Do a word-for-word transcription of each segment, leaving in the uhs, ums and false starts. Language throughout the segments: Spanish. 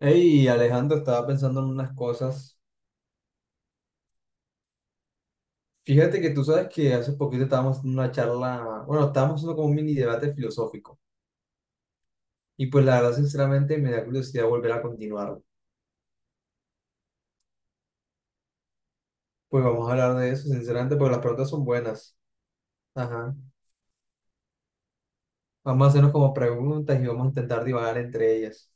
Hey, Alejandro, estaba pensando en unas cosas. Fíjate que tú sabes que hace poquito estábamos en una charla, bueno, estábamos haciendo como un mini debate filosófico. Y pues la verdad, sinceramente, me da curiosidad volver a continuarlo. Pues vamos a hablar de eso, sinceramente, porque las preguntas son buenas. Ajá. Vamos a hacernos como preguntas y vamos a intentar divagar entre ellas.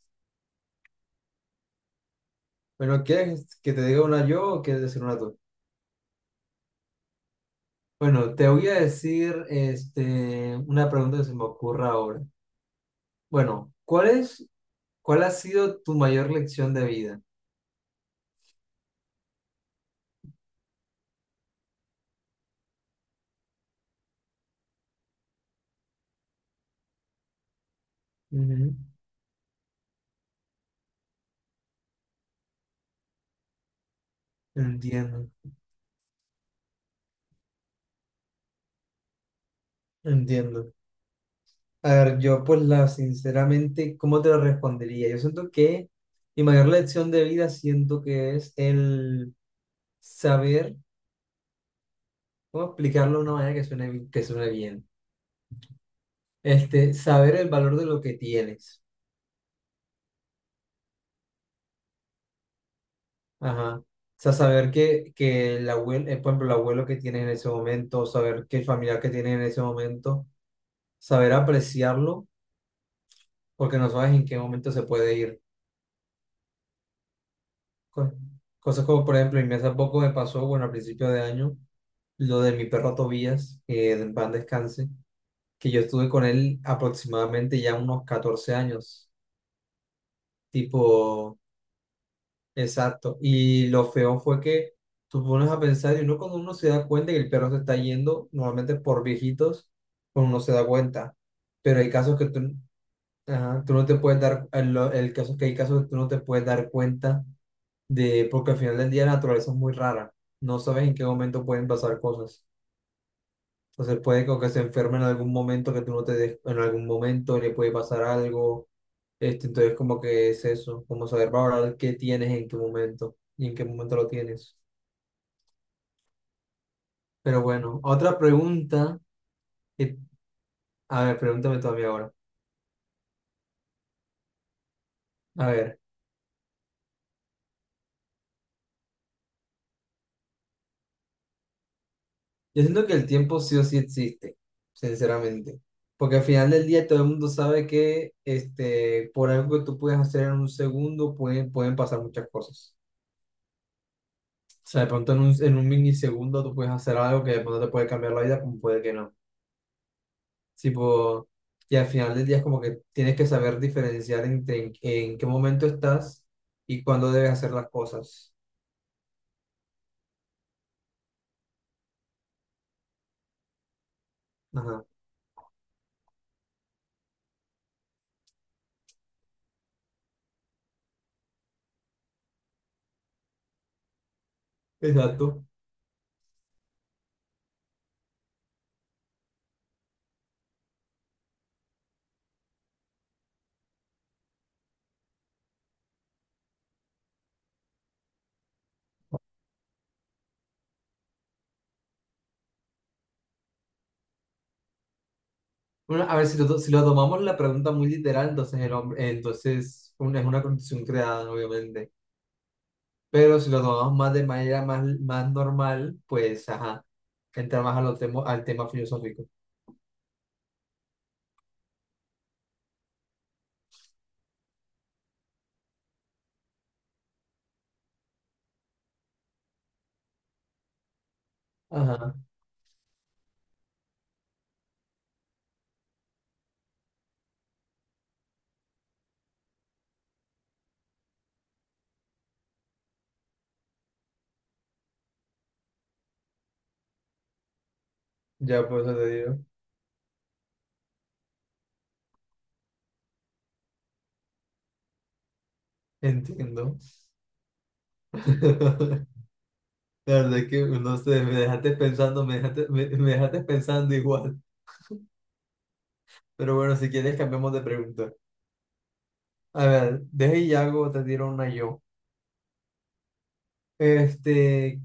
Bueno, ¿quieres que te diga una yo o quieres decir una tú? Bueno, te voy a decir este, una pregunta que se me ocurra ahora. Bueno, ¿cuál es, cuál ha sido tu mayor lección de vida? Ujú. Entiendo, entiendo. A ver, yo pues la, sinceramente, ¿cómo te lo respondería? Yo siento que mi mayor lección de vida siento que es el saber, ¿cómo explicarlo de una manera que suene, bi- que suene bien? Este, saber el valor de lo que tienes. Ajá. O sea, saber que, que el abuelo, por ejemplo, el abuelo que tienes en ese momento, saber que el familiar que tienes en ese momento, saber apreciarlo, porque no sabes en qué momento se puede ir. co- Cosas como, por ejemplo, y mí hace poco me pasó, bueno, al principio de año, lo de mi perro Tobías, que en paz descanse, que yo estuve con él aproximadamente ya unos catorce años, tipo exacto. Y lo feo fue que tú pones a pensar, y uno cuando uno se da cuenta que el perro se está yendo, normalmente por viejitos, pues uno no se da cuenta. Pero hay casos que tú, ajá, tú no te puedes dar, el, el caso es que hay casos que tú no te puedes dar cuenta de, porque al final del día la naturaleza es muy rara. No sabes en qué momento pueden pasar cosas. Entonces puede que que se enferme en algún momento que tú no te des, en algún momento le puede pasar algo. Este, entonces como que es eso, como saber valorar qué tienes en qué momento y en qué momento lo tienes. Pero bueno, otra pregunta. que- A ver, pregúntame tú a mí ahora. A ver. Yo siento que el tiempo sí o sí existe, sinceramente. Porque al final del día todo el mundo sabe que este, por algo que tú puedes hacer en un segundo pueden, pueden pasar muchas cosas. O sea, de pronto en un, en un milisegundo tú puedes hacer algo que de pronto te puede cambiar la vida, como puede que no. Tipo, y al final del día es como que tienes que saber diferenciar entre en, en qué momento estás y cuándo debes hacer las cosas. Ajá, exacto. Bueno, a ver, si lo, si lo tomamos la pregunta muy literal, entonces, el hombre, eh, entonces un- es una construcción creada, ¿no? Obviamente. Pero si lo tomamos más de manera más, más normal, pues, ajá, entra más a lo temo- al tema filosófico. Ajá, ya por eso te digo, entiendo. La verdad es que, no sé, me dejaste pensando, me dejaste, me, me dejaste pensando igual. Pero bueno, si quieres, cambiamos de pregunta. A ver, deja y hago, te tiro una yo. Este,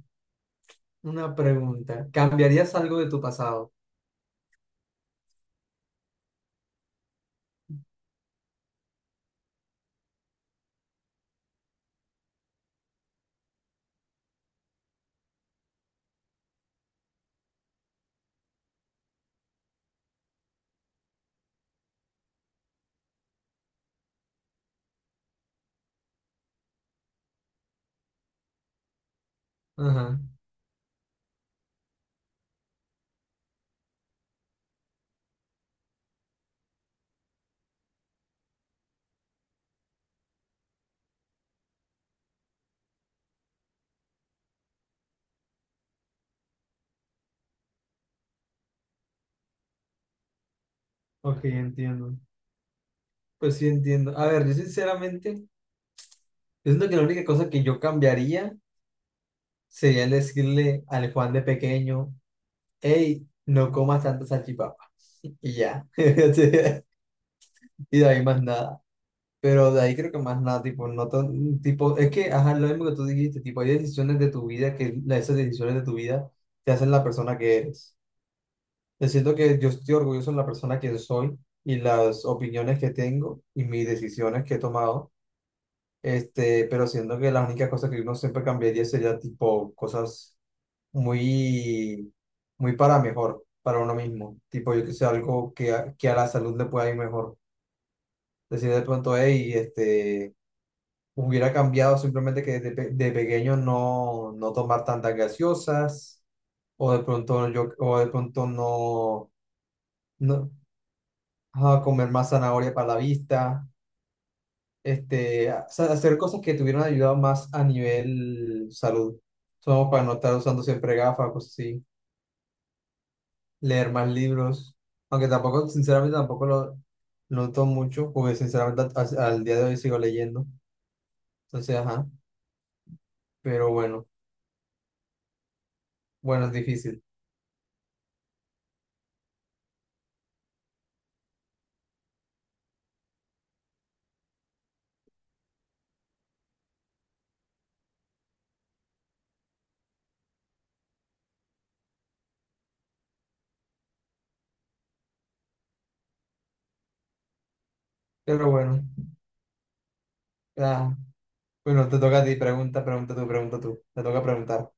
una pregunta. ¿Cambiarías algo de tu pasado? Ajá, ok, entiendo. Pues sí, entiendo. A ver, yo sinceramente, yo siento que la única cosa que yo cambiaría sería el decirle al Juan de pequeño, hey, no comas tanta salchipapa. Y ya. Y de ahí más nada. Pero de ahí creo que más nada, tipo, no tan- tipo, es que, ajá, lo mismo que tú dijiste, tipo, hay decisiones de tu vida que la- esas decisiones de tu vida te hacen la persona que eres. Yo siento que yo estoy orgulloso de la persona que soy y las opiniones que tengo y mis decisiones que he tomado. Este, pero siento que las únicas cosas que uno siempre cambiaría sería tipo cosas muy, muy para mejor, para uno mismo. Tipo, yo que sé, algo que a, que a la salud le pueda ir mejor. Decir de pronto, hey, este, hubiera cambiado simplemente que de, pe- de pequeño no, no tomar tantas gaseosas, o de pronto yo, o de pronto no, no ah, comer más zanahoria para la vista, este, a- sa- hacer cosas que te hubieran ayudado más a nivel salud. Somos para no estar usando siempre gafas, cosas así, leer más libros, aunque tampoco, sinceramente, tampoco lo noto mucho, porque sinceramente a- al día de hoy sigo leyendo. Entonces, ajá, pero bueno, bueno, es difícil, pero bueno, ah, bueno, te toca a ti, pregunta, pregunta tú, pregunta tú, te toca preguntar.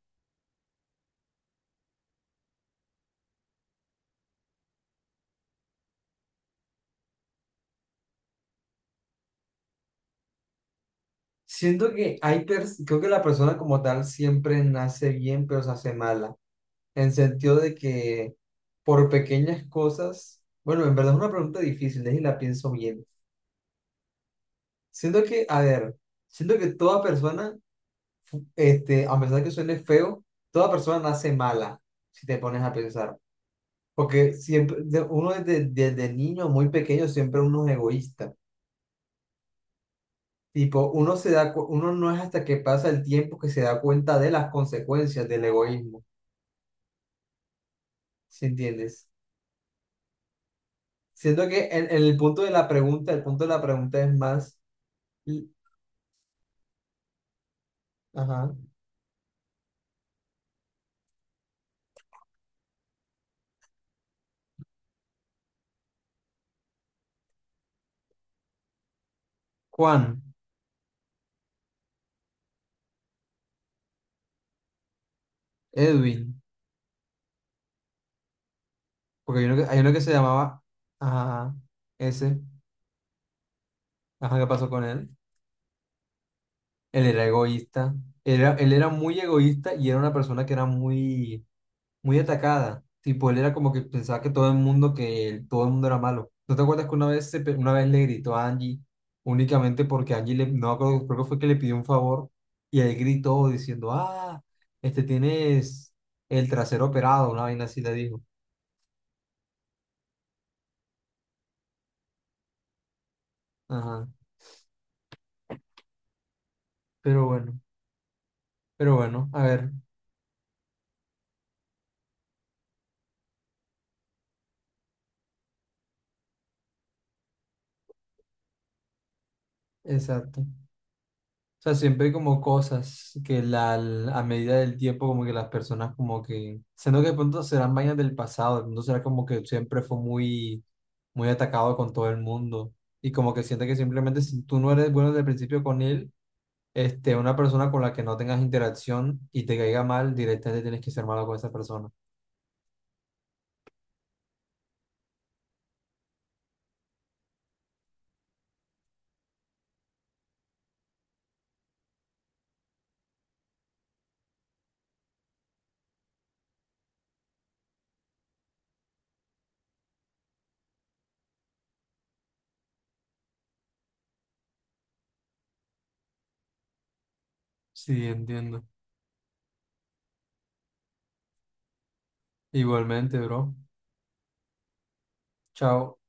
Siento que hay, pers- creo que la persona como tal siempre nace bien, pero se hace mala. En sentido de que por pequeñas cosas, bueno, en verdad es una pregunta difícil, y la pienso bien. Siento que, a ver, siento que toda persona, este, a pesar de que suene feo, toda persona nace mala, si te pones a pensar. Porque siempre, de- uno desde, desde niño, muy pequeño, siempre uno es egoísta. Tipo, uno se da, cu- uno no es hasta que pasa el tiempo que se da cuenta de las consecuencias del egoísmo, ¿sí entiendes? Siento que en, en el punto de la pregunta, el punto de la pregunta, es más. Ajá. Juan, Edwin, porque hay uno que, hay uno que se llamaba, ajá, ese, ajá, ¿qué pasó con él? Él era egoísta, era, él era muy egoísta y era una persona que era muy, muy atacada, tipo, él era como que pensaba que todo el mundo, que él- todo el mundo era malo. ¿No te acuerdas que una vez, se pe- una vez le gritó a Angie únicamente porque Angie, le, no me acuerdo, creo que fue que le pidió un favor y él gritó diciendo, ah, este tienes el trasero operado, una vaina así le dijo. Ajá, pero bueno. Pero bueno, a ver, exacto. O sea, siempre hay como cosas que la, al- a medida del tiempo como que las personas como que, siendo que de pronto serán vainas del pasado, de pronto será como que siempre fue muy, muy atacado con todo el mundo y como que siente que simplemente si tú no eres bueno desde el principio con él, este, una persona con la que no tengas interacción y te caiga mal, directamente tienes que ser malo con esa persona. Sí, entiendo. Igualmente, bro. Chao.